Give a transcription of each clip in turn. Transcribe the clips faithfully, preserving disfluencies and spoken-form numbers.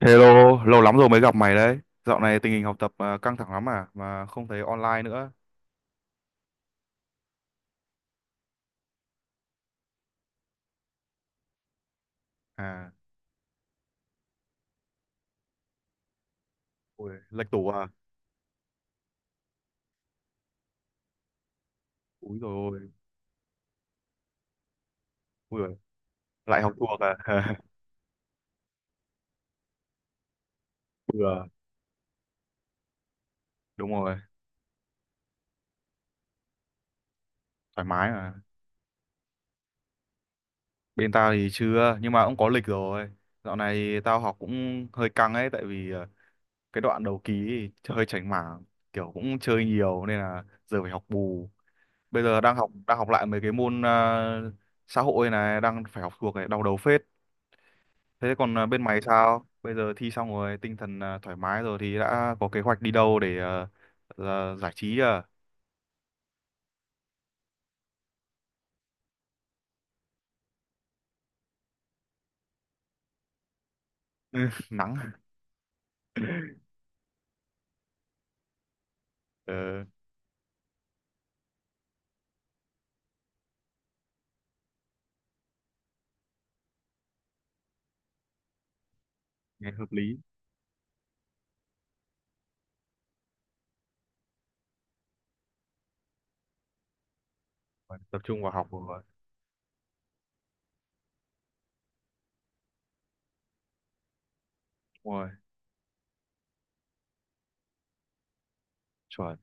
Hello, lâu lắm rồi mới gặp mày đấy. Dạo này tình hình học tập à, căng thẳng lắm à, mà không thấy online nữa. À, ui, lệch tủ à. Úi rồi ôi, ui, dồi, lại học thuộc à. Bừa, đúng rồi, thoải mái mà. Bên tao thì chưa, nhưng mà cũng có lịch rồi. Dạo này thì tao học cũng hơi căng ấy, tại vì à, cái đoạn đầu ký thì ch- hơi chảnh mảng, kiểu cũng chơi nhiều nên là giờ phải học bù. Bây giờ đang học đang học lại mấy cái môn à, xã hội này, đang phải học thuộc này, đau đầu phết. Thế còn à, bên mày sao? Bây giờ thi xong rồi, tinh thần à, thoải mái rồi thì đã có kế hoạch đi đâu để à, là giải trí à? Ừ, nắng. Ờ, nghe hợp lý. Phải tập trung vào học rồi. Đúng rồi, chuẩn.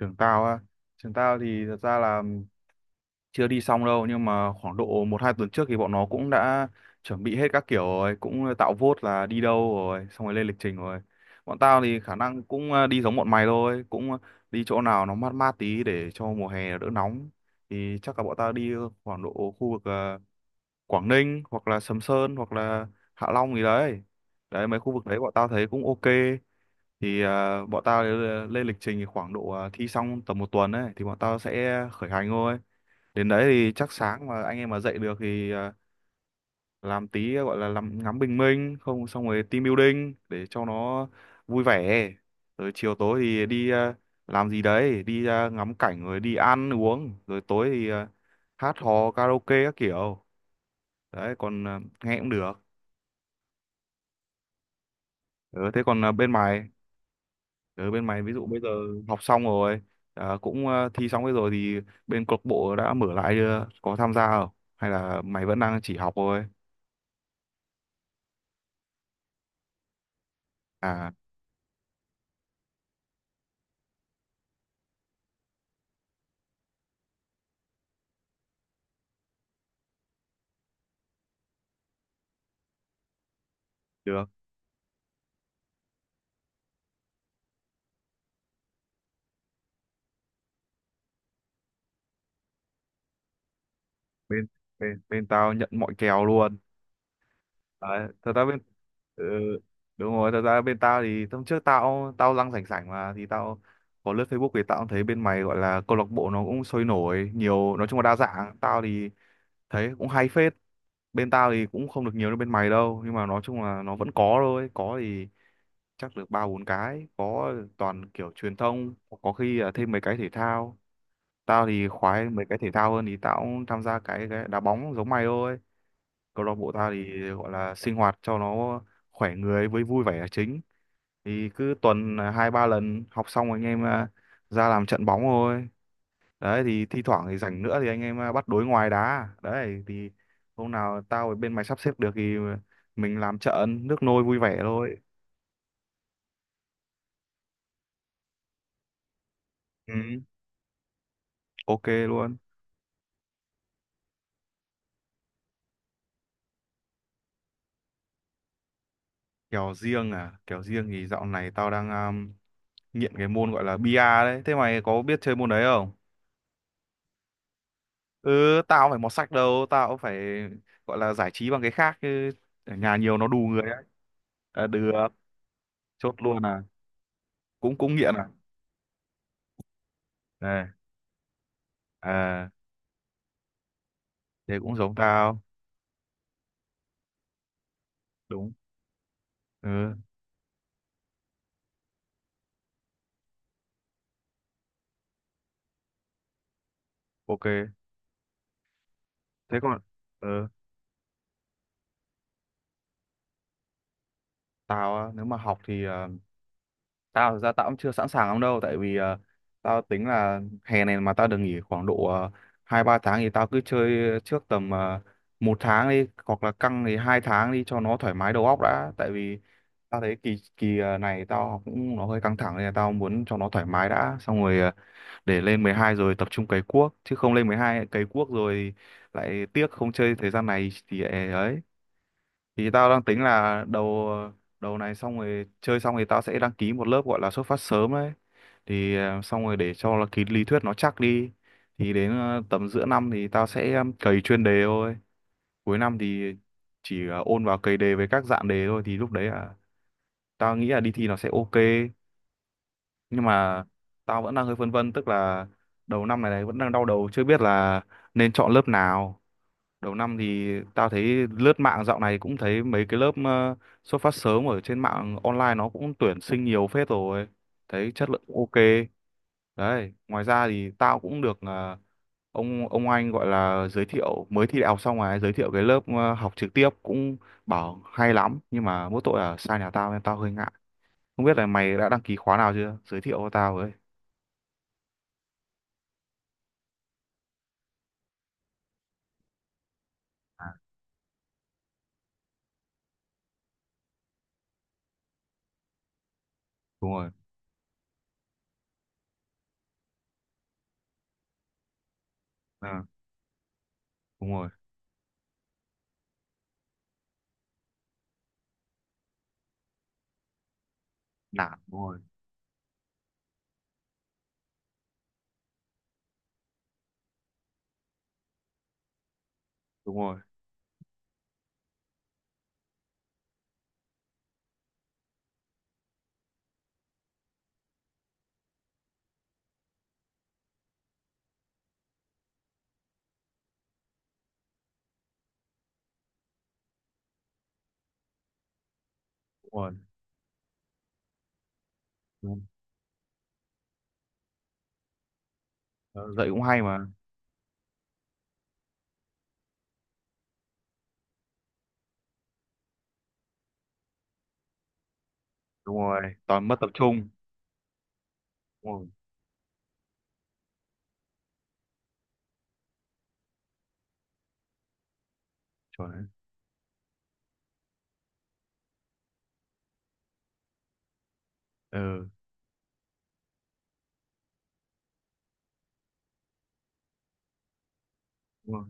Trường tao á, trường tao thì thật ra là chưa đi xong đâu, nhưng mà khoảng độ một hai tuần trước thì bọn nó cũng đã chuẩn bị hết các kiểu rồi, cũng tạo vote là đi đâu rồi xong rồi lên lịch trình rồi. Bọn tao thì khả năng cũng ờ, đi giống bọn mày thôi, cũng đi chỗ nào nó mát mát tí để cho mùa hè đỡ nóng. Thì chắc là bọn tao đi khoảng độ khu vực ờ, Quảng Ninh hoặc là Sầm Sơn hoặc là Hạ Long gì đấy. Đấy, mấy khu vực đấy bọn tao thấy cũng ok. Thì ờ, bọn tao ờ, lên lịch trình thì khoảng độ ờ, thi xong tầm một tuần ấy thì bọn tao sẽ khởi hành thôi. Đến đấy thì chắc sáng mà anh em mà dậy được thì à, làm tí gọi là làm ngắm bình minh, không xong rồi team building để cho nó vui vẻ, rồi chiều tối thì đi à, làm gì đấy, đi à, ngắm cảnh rồi đi ăn uống, rồi tối thì à, hát hò karaoke các kiểu. Đấy, còn à, nghe cũng được. Ừ, thế còn à, bên mày, ở bên mày ví dụ bây giờ học xong rồi à, cũng à, thi xong hết rồi thì bên câu lạc bộ đã mở lại chưa, có tham gia không, hay là mày vẫn đang chỉ học thôi à? Được. Bên bên Bên tao nhận mọi kèo luôn. Đấy, thật ra bên, ừ, đúng rồi, thật ra bên tao thì hôm trước tao tao lăng sảnh sảnh mà thì tao có lướt Facebook thì tao cũng thấy bên mày gọi là câu lạc bộ nó cũng sôi nổi nhiều, nói chung là đa dạng. Tao thì thấy cũng hay phết. Bên tao thì cũng không được nhiều như bên mày đâu, nhưng mà nói chung là nó vẫn có thôi. Có thì chắc được ba bốn cái, có toàn kiểu truyền thông, có khi là thêm mấy cái thể thao. Tao thì khoái mấy cái thể thao hơn, thì tao cũng tham gia cái, cái đá bóng giống mày thôi. Câu lạc bộ ta thì gọi là sinh hoạt cho nó khỏe người với vui vẻ là chính, thì cứ tuần là hai ba lần học xong anh em à, ra làm trận bóng thôi. Đấy thì thi thoảng thì rảnh nữa thì anh em à, bắt đối ngoài đá. Đấy thì hôm nào tao ở bên mày sắp xếp được thì mình làm trận nước nôi vui vẻ thôi. Ừ, ok luôn. Kèo riêng à? Kèo riêng thì dạo này tao đang à, nghiện cái môn gọi là bia đấy, thế mày có biết chơi môn đấy không? Ừ, tao phải mọt sách đâu, tao phải gọi là giải trí bằng cái khác chứ, ở nhà nhiều nó đù người ấy. À, được. Chốt luôn à? Cũng cũng nghiện à. Đây à. Thế cũng giống tao. Đúng. Ừ. Ok. Thế còn, ừ, tao á, nếu mà học thì ờ, tao thực ra tao cũng chưa sẵn sàng lắm đâu, tại vì ờ, tao tính là hè này mà tao được nghỉ khoảng độ ờ, hai ba tháng thì tao cứ chơi trước tầm ờ, một tháng đi, hoặc là căng thì hai tháng đi cho nó thoải mái đầu óc đã. Tại vì tao thấy kỳ kỳ ờ, này tao học cũng nó hơi căng thẳng, nên là tao muốn cho nó thoải mái đã, xong rồi ờ, để lên mười hai rồi tập trung cày cuốc, chứ không lên mười hai cày cuốc rồi lại tiếc không chơi thời gian này thì ờ, ấy. Thì tao đang tính là đầu đầu này xong rồi chơi xong thì tao sẽ đăng ký một lớp gọi là xuất phát sớm đấy. Thì ờ, xong rồi để cho là cái lý thuyết nó chắc đi. Thì đến ờ, tầm giữa năm thì tao sẽ ờ, cày chuyên đề thôi. Cuối năm thì chỉ ờ, ôn vào cày đề với các dạng đề thôi, thì lúc đấy là tao nghĩ là đi thi nó sẽ ok. Nhưng mà tao vẫn đang hơi phân vân, tức là đầu năm này, này vẫn đang đau đầu chưa biết là nên chọn lớp nào. Đầu năm thì tao thấy lướt mạng dạo này cũng thấy mấy cái lớp ờ, xuất phát sớm ở trên mạng online nó cũng tuyển sinh nhiều phết rồi, thấy chất lượng cũng ok. Đấy, ngoài ra thì tao cũng được ờ, ông ông anh gọi là giới thiệu mới thi đại học xong rồi giới thiệu cái lớp ờ, học trực tiếp, cũng bảo hay lắm nhưng mà mỗi tội là xa nhà tao nên tao hơi ngại. Không biết là mày đã đăng ký khóa nào chưa, giới thiệu cho tao với. À, đúng rồi. À, đúng rồi. Nản, đúng rồi. Đúng rồi. Đúng rồi, đúng rồi. Dạy cũng hay mà. Đúng rồi, toàn mất tập trung. Đúng rồi, chuẩn đấy. Ừ, đúng rồi.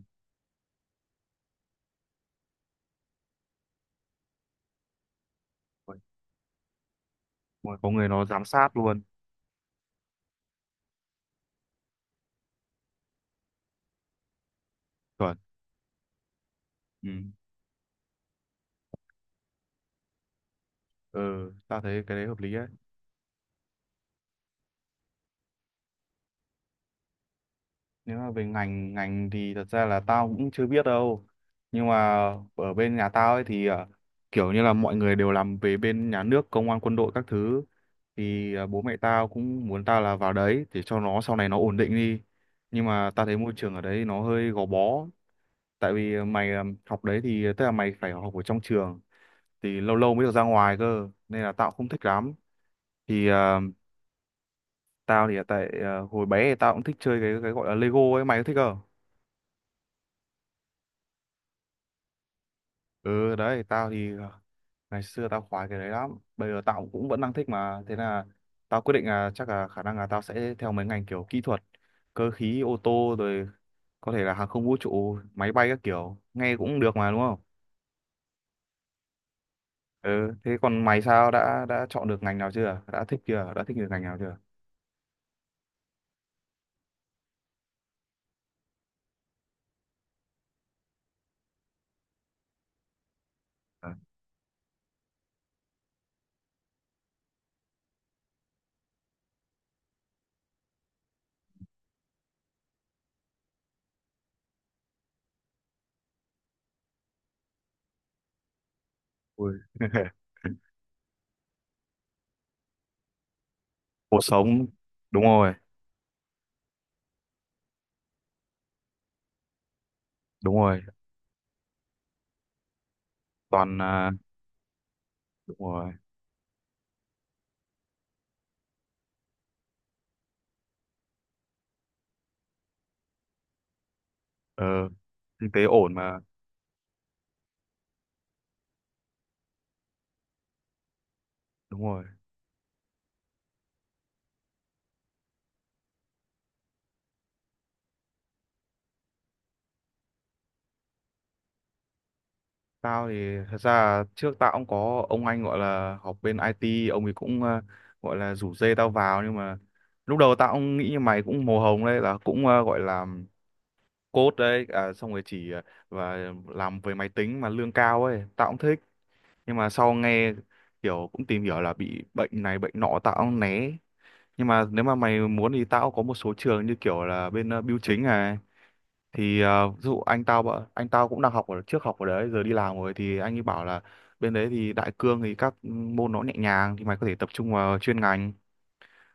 Đúng rồi, có người nó giám sát luôn. Chuẩn. Ừ. Ừ, tao thấy cái đấy hợp lý đấy. Nếu mà về ngành ngành thì thật ra là tao cũng chưa biết đâu, nhưng mà ở bên nhà tao ấy thì à, kiểu như là mọi người đều làm về bên nhà nước, công an, quân đội các thứ, thì à, bố mẹ tao cũng muốn tao là vào đấy để cho nó sau này nó ổn định đi. Nhưng mà tao thấy môi trường ở đấy nó hơi gò bó, tại vì mày à, học đấy thì tức là mày phải học ở trong trường, thì lâu lâu mới được ra ngoài cơ, nên là tao cũng không thích lắm. Thì ờ, tao thì tại ờ, hồi bé thì tao cũng thích chơi cái cái gọi là Lego ấy, mày có thích không? Ừ đấy, tao thì ờ, ngày xưa tao khoái cái đấy lắm, bây giờ tao cũng vẫn đang thích mà. Thế là tao quyết định là chắc là khả năng là tao sẽ theo mấy ngành kiểu kỹ thuật, cơ khí ô tô rồi có thể là hàng không vũ trụ, máy bay các kiểu, nghe cũng được mà đúng không? Ừ, thế còn mày sao, đã đã chọn được ngành nào chưa, đã thích chưa, đã thích được ngành nào chưa? Ờ. Ui. Cuộc sống, đúng rồi. Đúng rồi, toàn à, đúng rồi. Ờ, kinh tế ổn mà. Đúng rồi. Tao thì thật ra là trước tao cũng có ông anh gọi là học bên i tê, ông ấy cũng à, gọi là rủ dê tao vào, nhưng mà lúc đầu tao cũng nghĩ như mày, cũng màu hồng đấy, là cũng à, gọi là code đấy à, xong rồi chỉ à, và làm về máy tính mà lương cao ấy, tao cũng thích. Nhưng mà sau nghe kiểu cũng tìm hiểu là bị bệnh này bệnh nọ tao cũng né. Nhưng mà nếu mà mày muốn thì tao cũng có một số trường như kiểu là bên à, bưu chính này, thì à, ví dụ anh tao bợ- anh tao cũng đang học ở trước học ở đấy giờ đi làm rồi, thì anh ấy bảo là bên đấy thì đại cương thì các môn nó nhẹ nhàng, thì mày có thể tập trung vào chuyên ngành,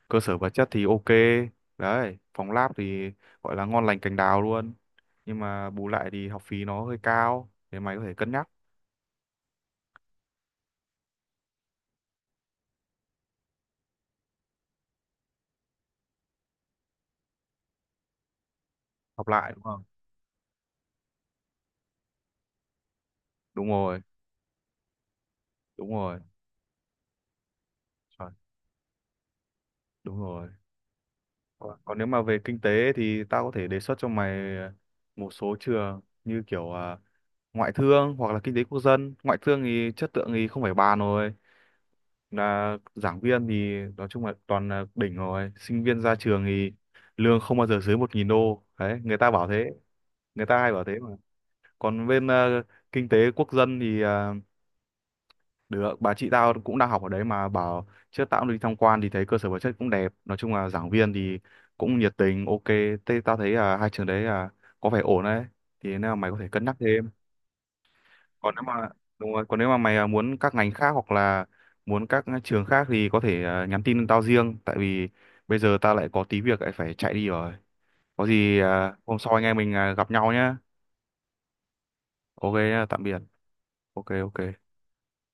cơ sở vật chất thì ok. Đấy, phòng lab thì gọi là ngon lành cành đào luôn, nhưng mà bù lại thì học phí nó hơi cao, thì mày có thể cân nhắc. Học lại đúng không. Đúng rồi. Đúng rồi. Trời, đúng rồi. Còn, còn nếu mà về kinh tế thì tao có thể đề xuất cho mày một số trường như kiểu ờ, ngoại thương hoặc là kinh tế quốc dân. Ngoại thương thì chất lượng thì không phải bàn rồi, là giảng viên thì nói chung là toàn là đỉnh rồi, sinh viên ra trường thì lương không bao giờ dưới một nghìn đô đấy, người ta bảo thế. Người ta hay bảo thế mà. Còn bên ờ, kinh tế quốc dân thì ờ, được bà chị tao cũng đang học ở đấy mà bảo, trước tao cũng đi tham quan thì thấy cơ sở vật chất cũng đẹp, nói chung là giảng viên thì cũng nhiệt tình ok. Thế tao thấy là hai trường đấy là có vẻ ổn đấy, thì nếu mà mày có thể cân nhắc thế. Còn nếu mà, đúng rồi, còn nếu mà mày à, muốn các ngành khác hoặc là muốn các trường khác thì có thể à, nhắn tin tao riêng, tại vì bây giờ tao lại có tí việc lại phải chạy đi rồi. Có gì à, hôm sau anh em mình à, gặp nhau nhé. Ok nhá, tạm biệt. Ok ok.